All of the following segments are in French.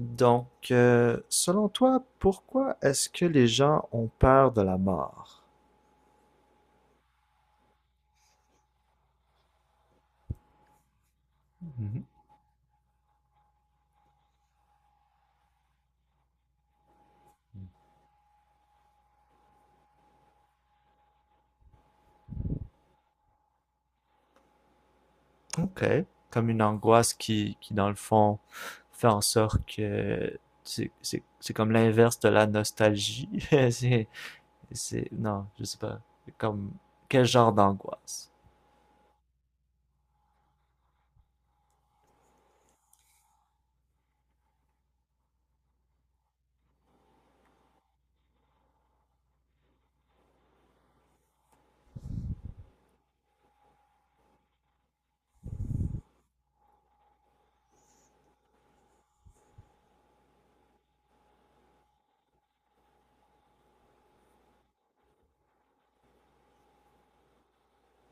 Donc, selon toi, pourquoi est-ce que les gens ont peur de la mort? Mhm. Ok, comme une angoisse qui dans le fond, fait en sorte que c'est comme l'inverse de la nostalgie. C'est, non, je sais pas. Comme, quel genre d'angoisse?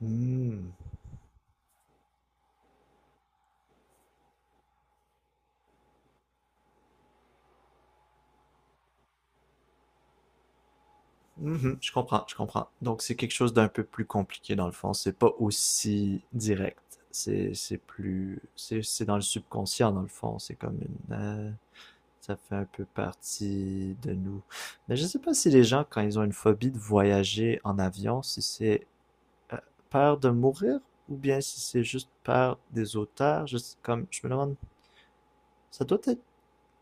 Mm. Je comprends. Donc, c'est quelque chose d'un peu plus compliqué dans le fond. C'est pas aussi direct. C'est dans le subconscient dans le fond. C'est comme ça fait un peu partie de nous. Mais je sais pas si les gens, quand ils ont une phobie de voyager en avion, si c'est euh, peur de mourir ou bien si c'est juste peur des auteurs. Juste comme, je me demande, ça doit être,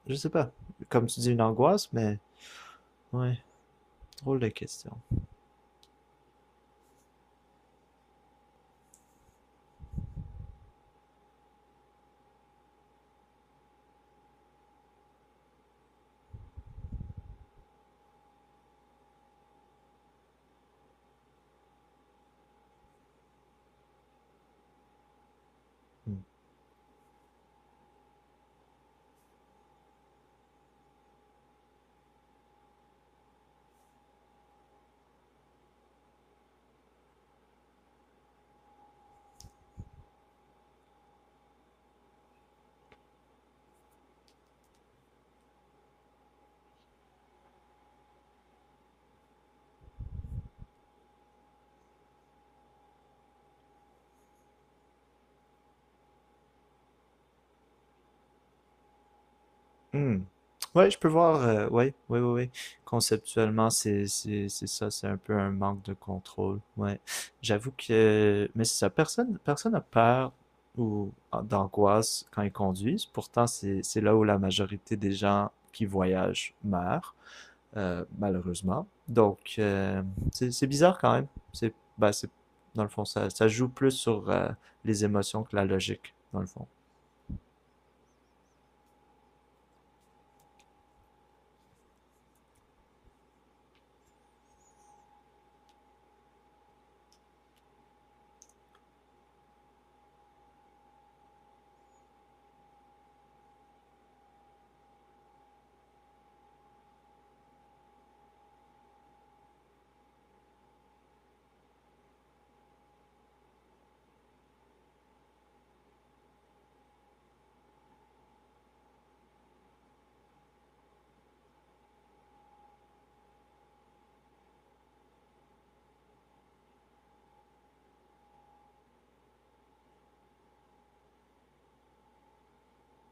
je sais pas, comme tu dis, une angoisse, mais ouais, drôle de question. Hmm. Hmm. Ouais, je peux voir. Ouais. Conceptuellement, c'est ça, c'est un peu un manque de contrôle. Ouais. J'avoue que, mais c'est ça. Personne a peur ou ah, d'angoisse quand ils conduisent. Pourtant, c'est là où la majorité des gens qui voyagent meurent, malheureusement. Donc, c'est bizarre quand même. C'est, bah, c'est, dans le fond, ça joue plus sur les émotions que la logique, dans le fond.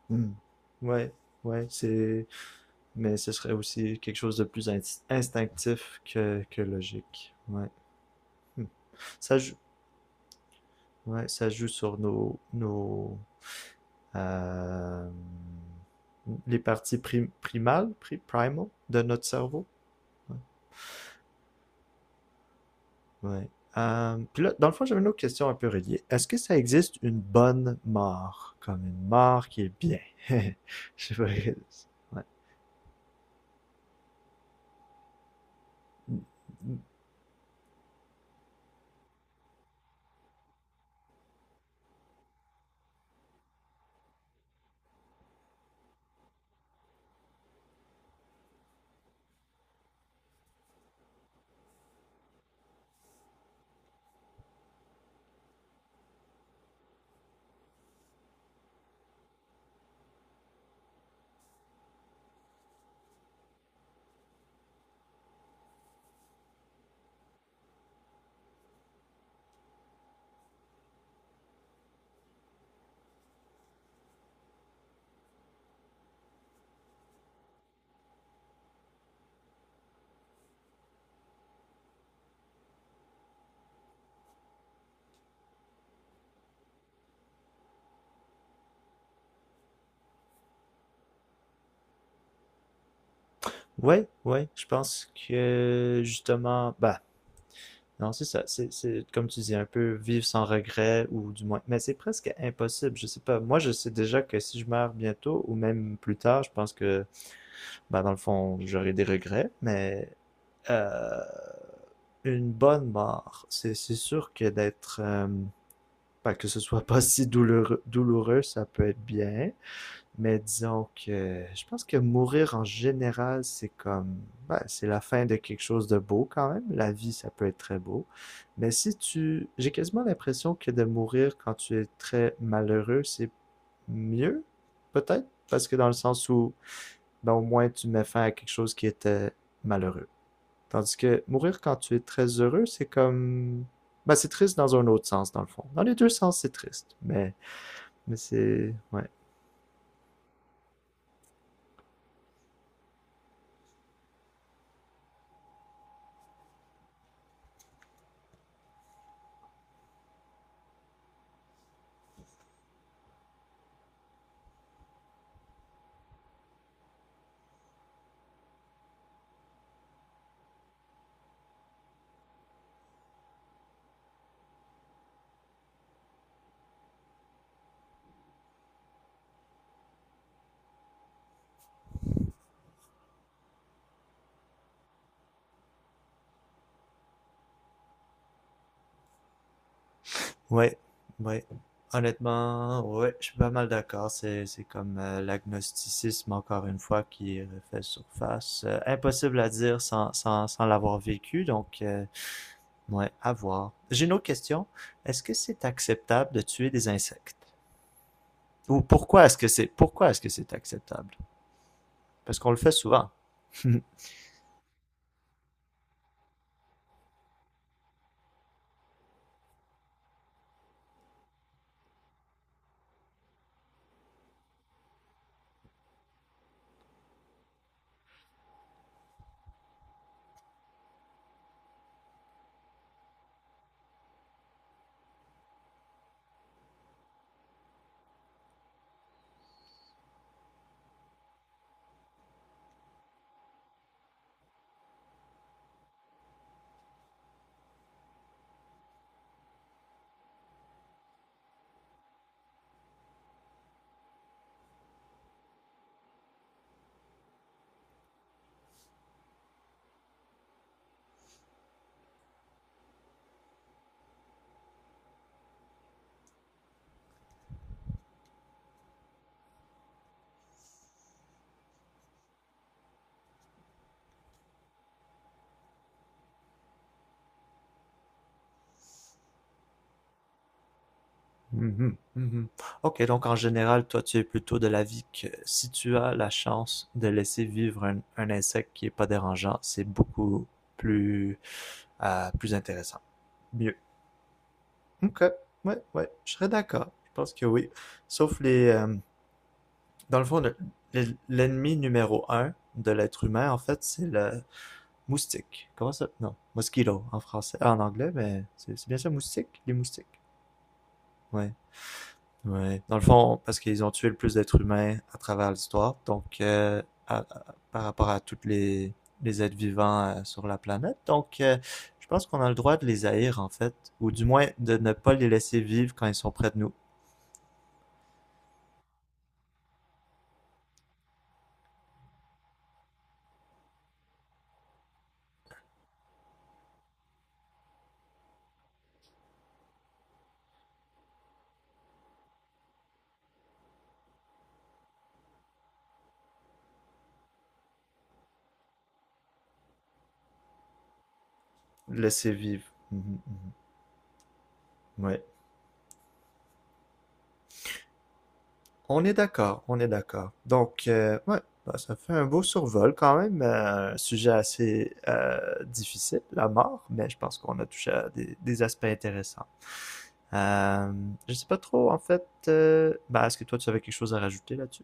Hmm. Ouais, ouais, c'est. Mais ce serait aussi quelque chose de plus instinctif que logique. Ouais. Hmm. Ça joue, ouais, ça joue sur euh, les primales, primal de notre cerveau. Ouais. Ouais. Puis là, dans le fond, j'avais une autre question un peu reliée. Est-ce que ça existe une bonne mort? Comme une mort qui est bien? Je sais pas. Ouais. Ouais, ouais, je pense que justement, bah, non, c'est ça. Comme tu dis, un peu vivre sans regret, ou du moins. Mais c'est presque impossible. Je sais pas. Moi, je sais déjà que si je meurs bientôt, ou même plus tard, je pense que, bah, dans le fond, j'aurai des regrets. Mais euh, une bonne mort, c'est sûr que d'être. Bah, que ce soit pas si douloureux, ça peut être bien. Mais disons que je pense que mourir en général, c'est comme, ouais, c'est la fin de quelque chose de beau quand même. La vie, ça peut être très beau. Mais si tu, j'ai quasiment l'impression que de mourir quand tu es très malheureux, c'est mieux, peut-être, parce que dans le sens où, ben, au moins tu mets fin à quelque chose qui était malheureux. Tandis que mourir quand tu es très heureux, c'est comme, ben, c'est triste dans un autre sens, dans le fond. Dans les deux sens, c'est triste. Mais ouais, ouais, ouais. Honnêtement, ouais, je suis pas mal d'accord. C'est comme l'agnosticisme, encore une fois, qui refait surface. Impossible à dire sans l'avoir vécu, donc, ouais, à voir. J'ai une autre question. Est-ce que c'est acceptable de tuer des insectes? Ou pourquoi est-ce que pourquoi est-ce que c'est acceptable? Parce qu'on le fait souvent. Mhm, mhm. Ok, donc en général, toi, tu es plutôt de l'avis que si tu as la chance de laisser vivre un insecte qui est pas dérangeant, c'est beaucoup plus, plus intéressant. Mieux. Ok, ouais, ouais, je serais d'accord. Je pense que oui. Sauf dans le fond, l'ennemi numéro un de l'être humain, en fait, c'est le moustique. Comment ça? Non, mosquito en français, en anglais, mais c'est bien ça, moustique, les moustiques. Ouais. Ouais. Dans le fond, parce qu'ils ont tué le plus d'êtres humains à travers l'histoire, donc par rapport à toutes les êtres vivants sur la planète. Donc, je pense qu'on a le droit de les haïr, en fait, ou du moins de ne pas les laisser vivre quand ils sont près de nous. Laisser vivre. Mhm, mhm. Ouais. On est d'accord, on est d'accord. Donc, ouais, bah, ça fait un beau survol quand même, un sujet assez difficile, la mort, mais je pense qu'on a touché à des aspects intéressants. Euh, je sais pas trop, en fait. Bah, est-ce que toi, tu avais quelque chose à rajouter là-dessus?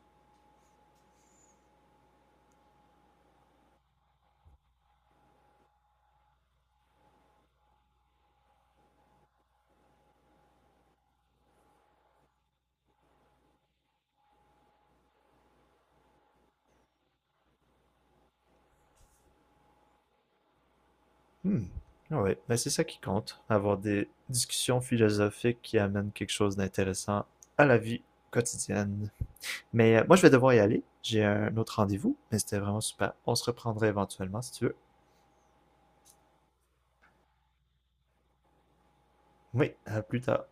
Hmm. Oui, mais c'est ça qui compte, avoir des discussions philosophiques qui amènent quelque chose d'intéressant à la vie quotidienne. Mais moi, je vais devoir y aller. J'ai un autre rendez-vous, mais c'était vraiment super. On se reprendrait éventuellement si tu veux. Oui, à plus tard.